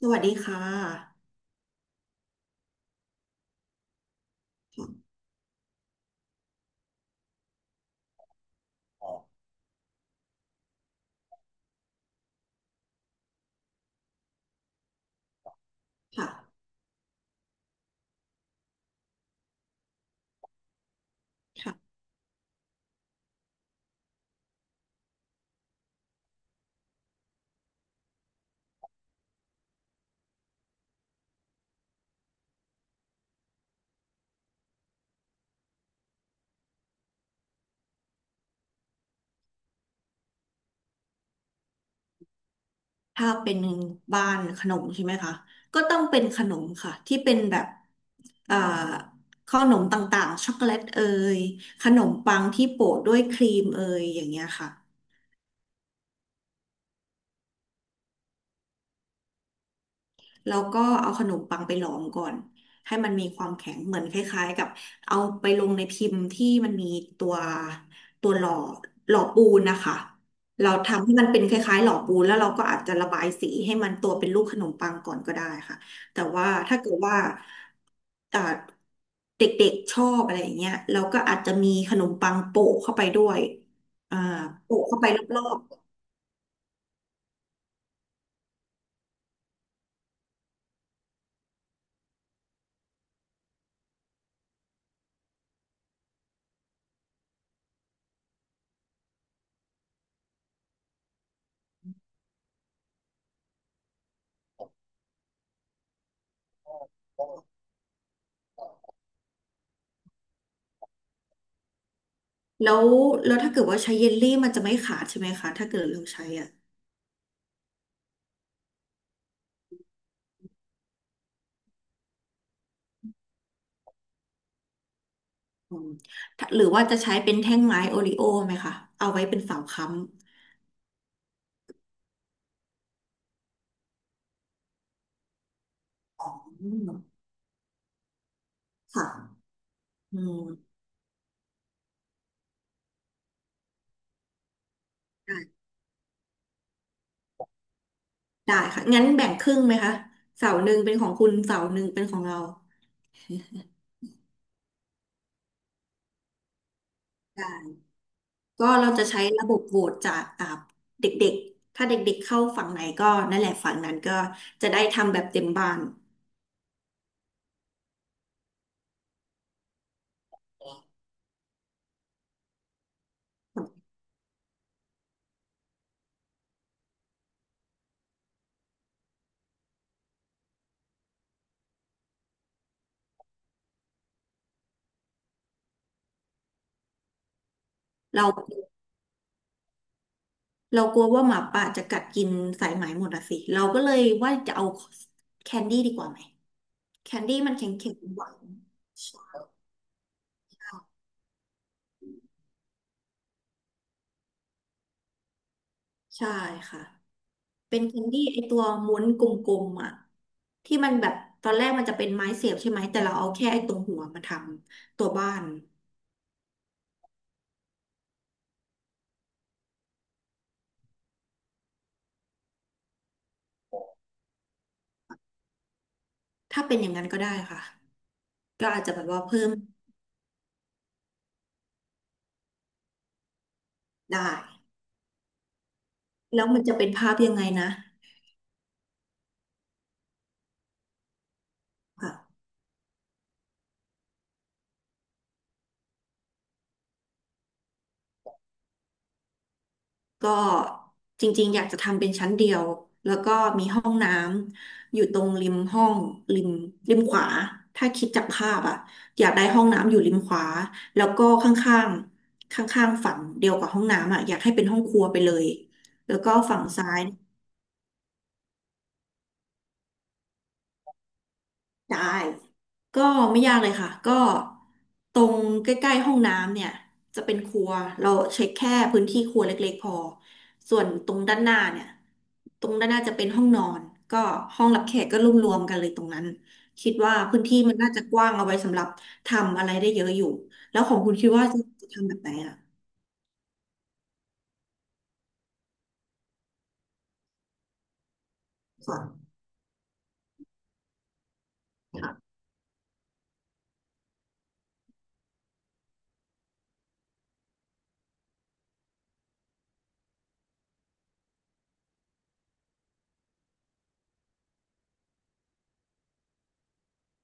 สวัสดีค่ะค่ะค่ะ ถ้าเป็นบ้านขนมใช่ไหมคะ ก็ต้องเป็นขนมค่ะที่เป็นแบบขอ่อขนมต่างๆช็อกโกแลตเอยขนมปังที่โปะด้วยครีมเอยอย่างเงี้ยค่ะ แล้วก็เอาขนมปังไปหลอมก่อนให้มันมีความแข็งเหมือนคล้ายๆกับเอาไปลงในพิมพ์ที่มันมีตัวตัวหล่อปูนนะคะเราทำให้มันเป็นคล้ายๆหล่อปูนแล้วเราก็อาจจะระบายสีให้มันตัวเป็นรูปขนมปังก่อนก็ได้ค่ะแต่ว่าถ้าเกิดว่าอ่าเด็กๆชอบอะไรอย่างเงี้ยเราก็อาจจะมีขนมปังโปะเข้าไปด้วยอ่าโปะเข้าไปรอบๆแล้วถ้าเกิดว่าใช้เยลลี่มันจะไม่ขาดใช่ไหมคะถ้าเกิดเราใช้อ่ะ อืมถ้าหรือว่าจะใช้เป็นแท่งไม้โอริโอไหมคะเอาไว้เป็นเสาค้ำอืมค่ะอืมได้ได้ค่ะงั้นแบ่งครึ่งไหมคะเสาหนึ่งเป็นของคุณเสาหนึ่งเป็นของเราได้ก็เราจะใช้ระบบโหวตจากเด็กๆถ้าเด็กๆเข้าฝั่งไหนก็นั่นแหละฝั่งนั้นก็จะได้ทำแบบเต็มบ้านเราเรากลัวว่าหมาป่าจะกัดกินสายไหมหมดอะสิเราก็เลยว่าจะเอาแคนดี้ดีกว่าไหมแคนดี้มันแข็งๆหวาน ใช่ค่ะ เป็นแคนดี้ไอตัวม้วนกลมๆอ่ะที่มันแบบตอนแรกมันจะเป็นไม้เสียบใช่ไหมแต่เราเอาแค่ไอตรงหัวมาทำตัวบ้านถ้าเป็นอย่างนั้นก็ได้ค่ะก็อาจจะแบบว่าเพิ่มได้แล้วมันจะเป็นภาพยังไงนะค่ะ ก็จริงๆอยากจะทำเป็นชั้นเดียวแล้วก็มีห้องน้ำอยู่ตรงริมห้องริมริมขวาถ้าคิดจากภาพอะอยากได้ห้องน้ำอยู่ริมขวาแล้วก็ข้างๆข้างๆฝั่งเดียวกับห้องน้ำอะอยากให้เป็นห้องครัวไปเลยแล้วก็ฝั่งซ้าย ได้ก็ไม่ยากเลยค่ะก็ตรงใกล้ๆห้องน้ำเนี่ยจะเป็นครัวเราเช็คแค่พื้นที่ครัวเล็กๆพอส่วนตรงด้านหน้าเนี่ยตรงด้านหน้าจะเป็นห้องนอนก็ห้องรับแขกก็รวมๆกันเลยตรงนั้นคิดว่าพื้นที่มันน่าจะกว้างเอาไว้สำหรับทำอะไรได้เยอะอยู่แล้วของคุณคิดว่าจะทำแบบไหนอ่ะก่อน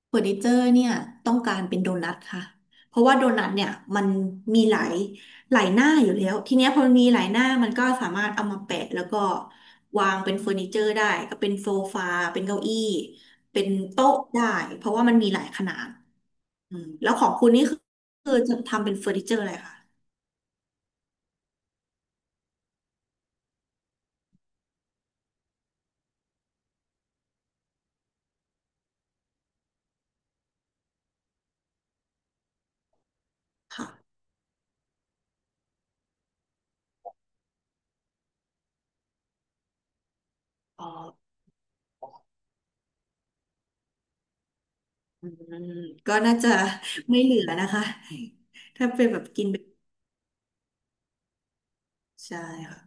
เฟอร์นิเจอร์เนี่ยต้องการเป็นโดนัทค่ะเพราะว่าโดนัทเนี่ยมันมีหลายหน้าอยู่แล้วทีเนี้ยพอมีหลายหน้ามันก็สามารถเอามาแปะแล้วก็วางเป็นเฟอร์นิเจอร์ได้ก็เป็นโซฟาเป็นเก้าอี้เป็นโต๊ะได้เพราะว่ามันมีหลายขนาดอืมแล้วของคุณนี่คือจะทำเป็นเฟอร์นิเจอร์อะไรคะค่ะอ๋ออืมก็น่าจะไม่เหลือนะคะถ้าเป็นแบบกินเป็นใช่ค่ะ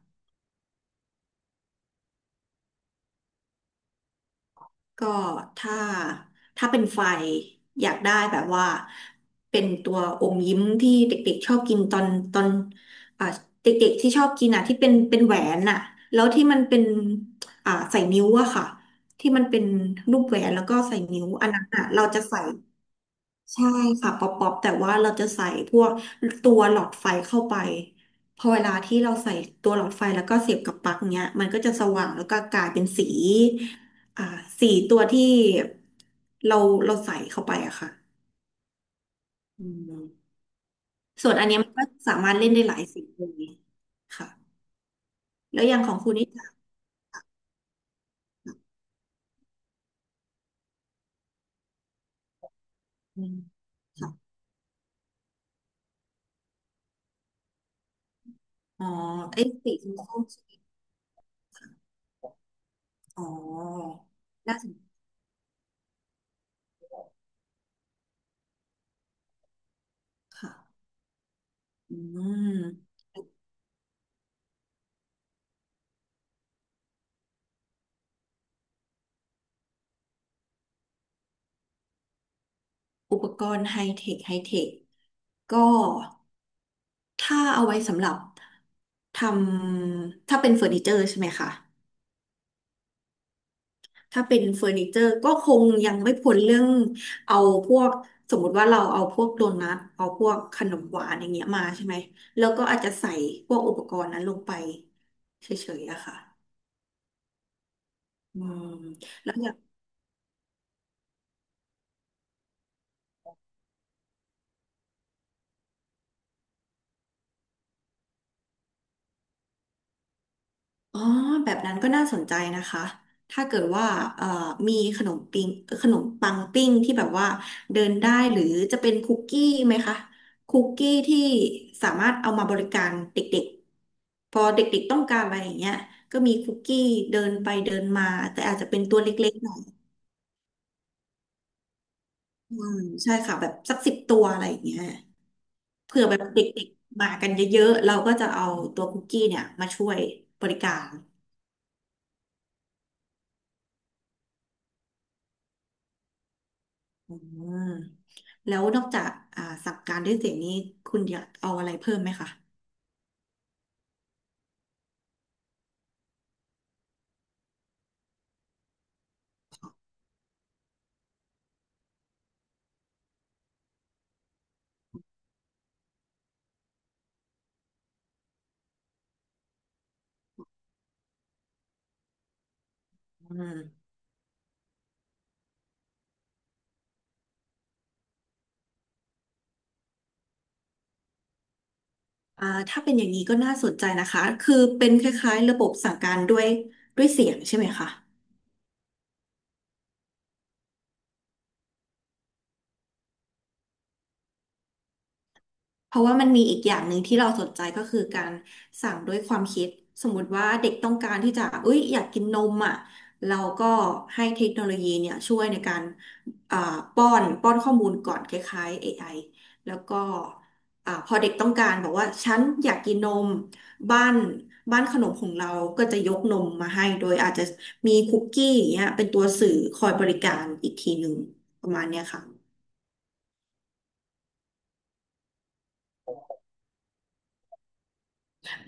ก็ถ้าเป็นไฟอยากได้แบบว่าเป็นตัวอมยิ้มที่เด็กๆชอบกินตอนตอนอ่าเด็กๆที่ชอบกินอ่ะที่เป็นแหวนอ่ะแล้วที่มันเป็นใส่นิ้วอะค่ะที่มันเป็นรูปแหวนแล้วก็ใส่นิ้วอันนั้นอ่ะเราจะใส่ ใช่ค่ะป๊อปป๊อปแต่ว่าเราจะใส่พวกตัวหลอดไฟเข้าไปพอเวลาที่เราใส่ตัวหลอดไฟแล้วก็เสียบกับปลั๊กเนี้ยมันก็จะสว่างแล้วก็กลายเป็นสีอ่าสีตัวที่เราเราใส่เข้าไปอะค่ะอืมส่วนอันเนี้ยมันก็สามารถเล่นได้หลายสีเลยค่ะแล้วอย่างของคุณนี่จะอืมค่ะอ๋อไอ้สีชมพูใช่ไหมคะอ๋อน่าสนใจค่ะอืมอุปกรณ์ไฮเทคไฮเทค ก็ถ้าเอาไว้สำหรับทำถ้าเป็นเฟอร์นิเจอร์ใช่ไหมคะถ้าเป็นเฟอร์นิเจอร์ก็คงยังไม่พ้นเรื่องเอาพวกสมมุติว่าเราเอาพวกโดนัทเอาพวกขนมหวานอย่างเงี้ยมาใช่ไหมแล้วก็อาจจะใส่พวกอุปกรณ์นั้นลงไปเฉยๆอะค่ะอืมแล้วอย่าง อ๋อแบบนั้นก็น่าสนใจนะคะ ถ้าเกิดว่าเอ่อมีขนมปิ้งขนมปังปิ้งที่แบบว่าเดินได้หรือจะเป็นคุกกี้ไหมคะคุกกี้ที่สามารถเอามาบริการเด็กๆพอเด็กๆต้องการอะไรอย่างเงี้ยก็มีคุกกี้เดินไปเดินมาแต่อาจจะเป็นตัวเล็กๆหน่อยอืมใช่ค่ะแบบสักสิบตัวอะไรอย่างเงี้ยเผื่อแบบเด็กๆมากันเยอะๆเราก็จะเอาตัวคุกกี้เนี่ยมาช่วยบริการอืม แล้วนอกจากสั่งการด้วยเสียงนี้คุณอยากเอาอะไรเพิ่มไหมคะอืมถ้าเป็นอย่างนี้ก็น่าสนใจนะคะคือเป็นคล้ายๆระบบสั่งการด้วยเสียงใช่ไหมคะ เพราะว่ามันมีอีกอย่างหนึ่งที่เราสนใจก็คือการสั่งด้วยความคิดสมมติว่าเด็กต้องการที่จะเอ้ยอยากกินนมอ่ะเราก็ให้เทคโนโลยีเนี่ยช่วยในการอ่าป้อนข้อมูลก่อนคล้ายๆ AI แล้วก็พอเด็กต้องการบอกว่าฉันอยากกินนมบ้านบ้านขนมของเราก็จะยกนมมาให้โดยอาจจะมีคุกกี้อย่างเงี้ยเป็นตัวสื่อคอยบริการอีกทีหนึ่งประมาณเนี้ยค่ะ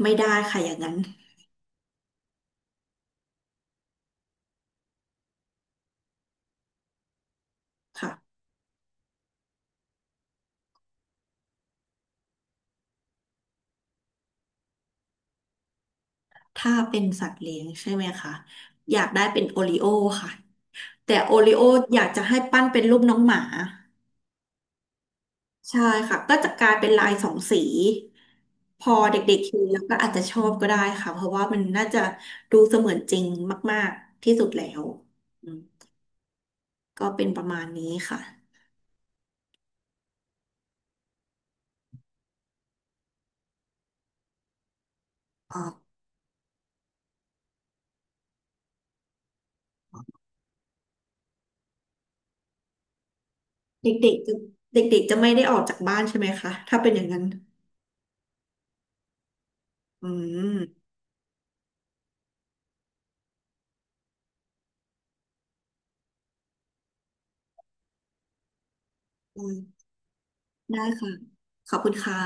ไม่ได้ค่ะอย่างนั้นค่ะ ถ้าเป็นสัตว์เลี้ยงใช่ไหมคะอยากได้เป็นโอริโอค่ะแต่โอริโออยากจะให้ปั้นเป็นรูปน้องหมาใช่ค่ะก็จะกลายเป็นลายสองสีพอเด็กๆเห็นแล้วก็อาจจะชอบก็ได้ค่ะเพราะว่ามันน่าจะดูเสมือนจริงมากๆที่สุดแล้วอืมก็เป็นประมาณนี้ค่ะอ่าเด็กๆจะเด็กๆจะไม่ได้ออกจากบ้านใช่ไหมคะถ้าเป็นอย่างนั้นอืมอืมได้ค่ะขอบคุณค่ะ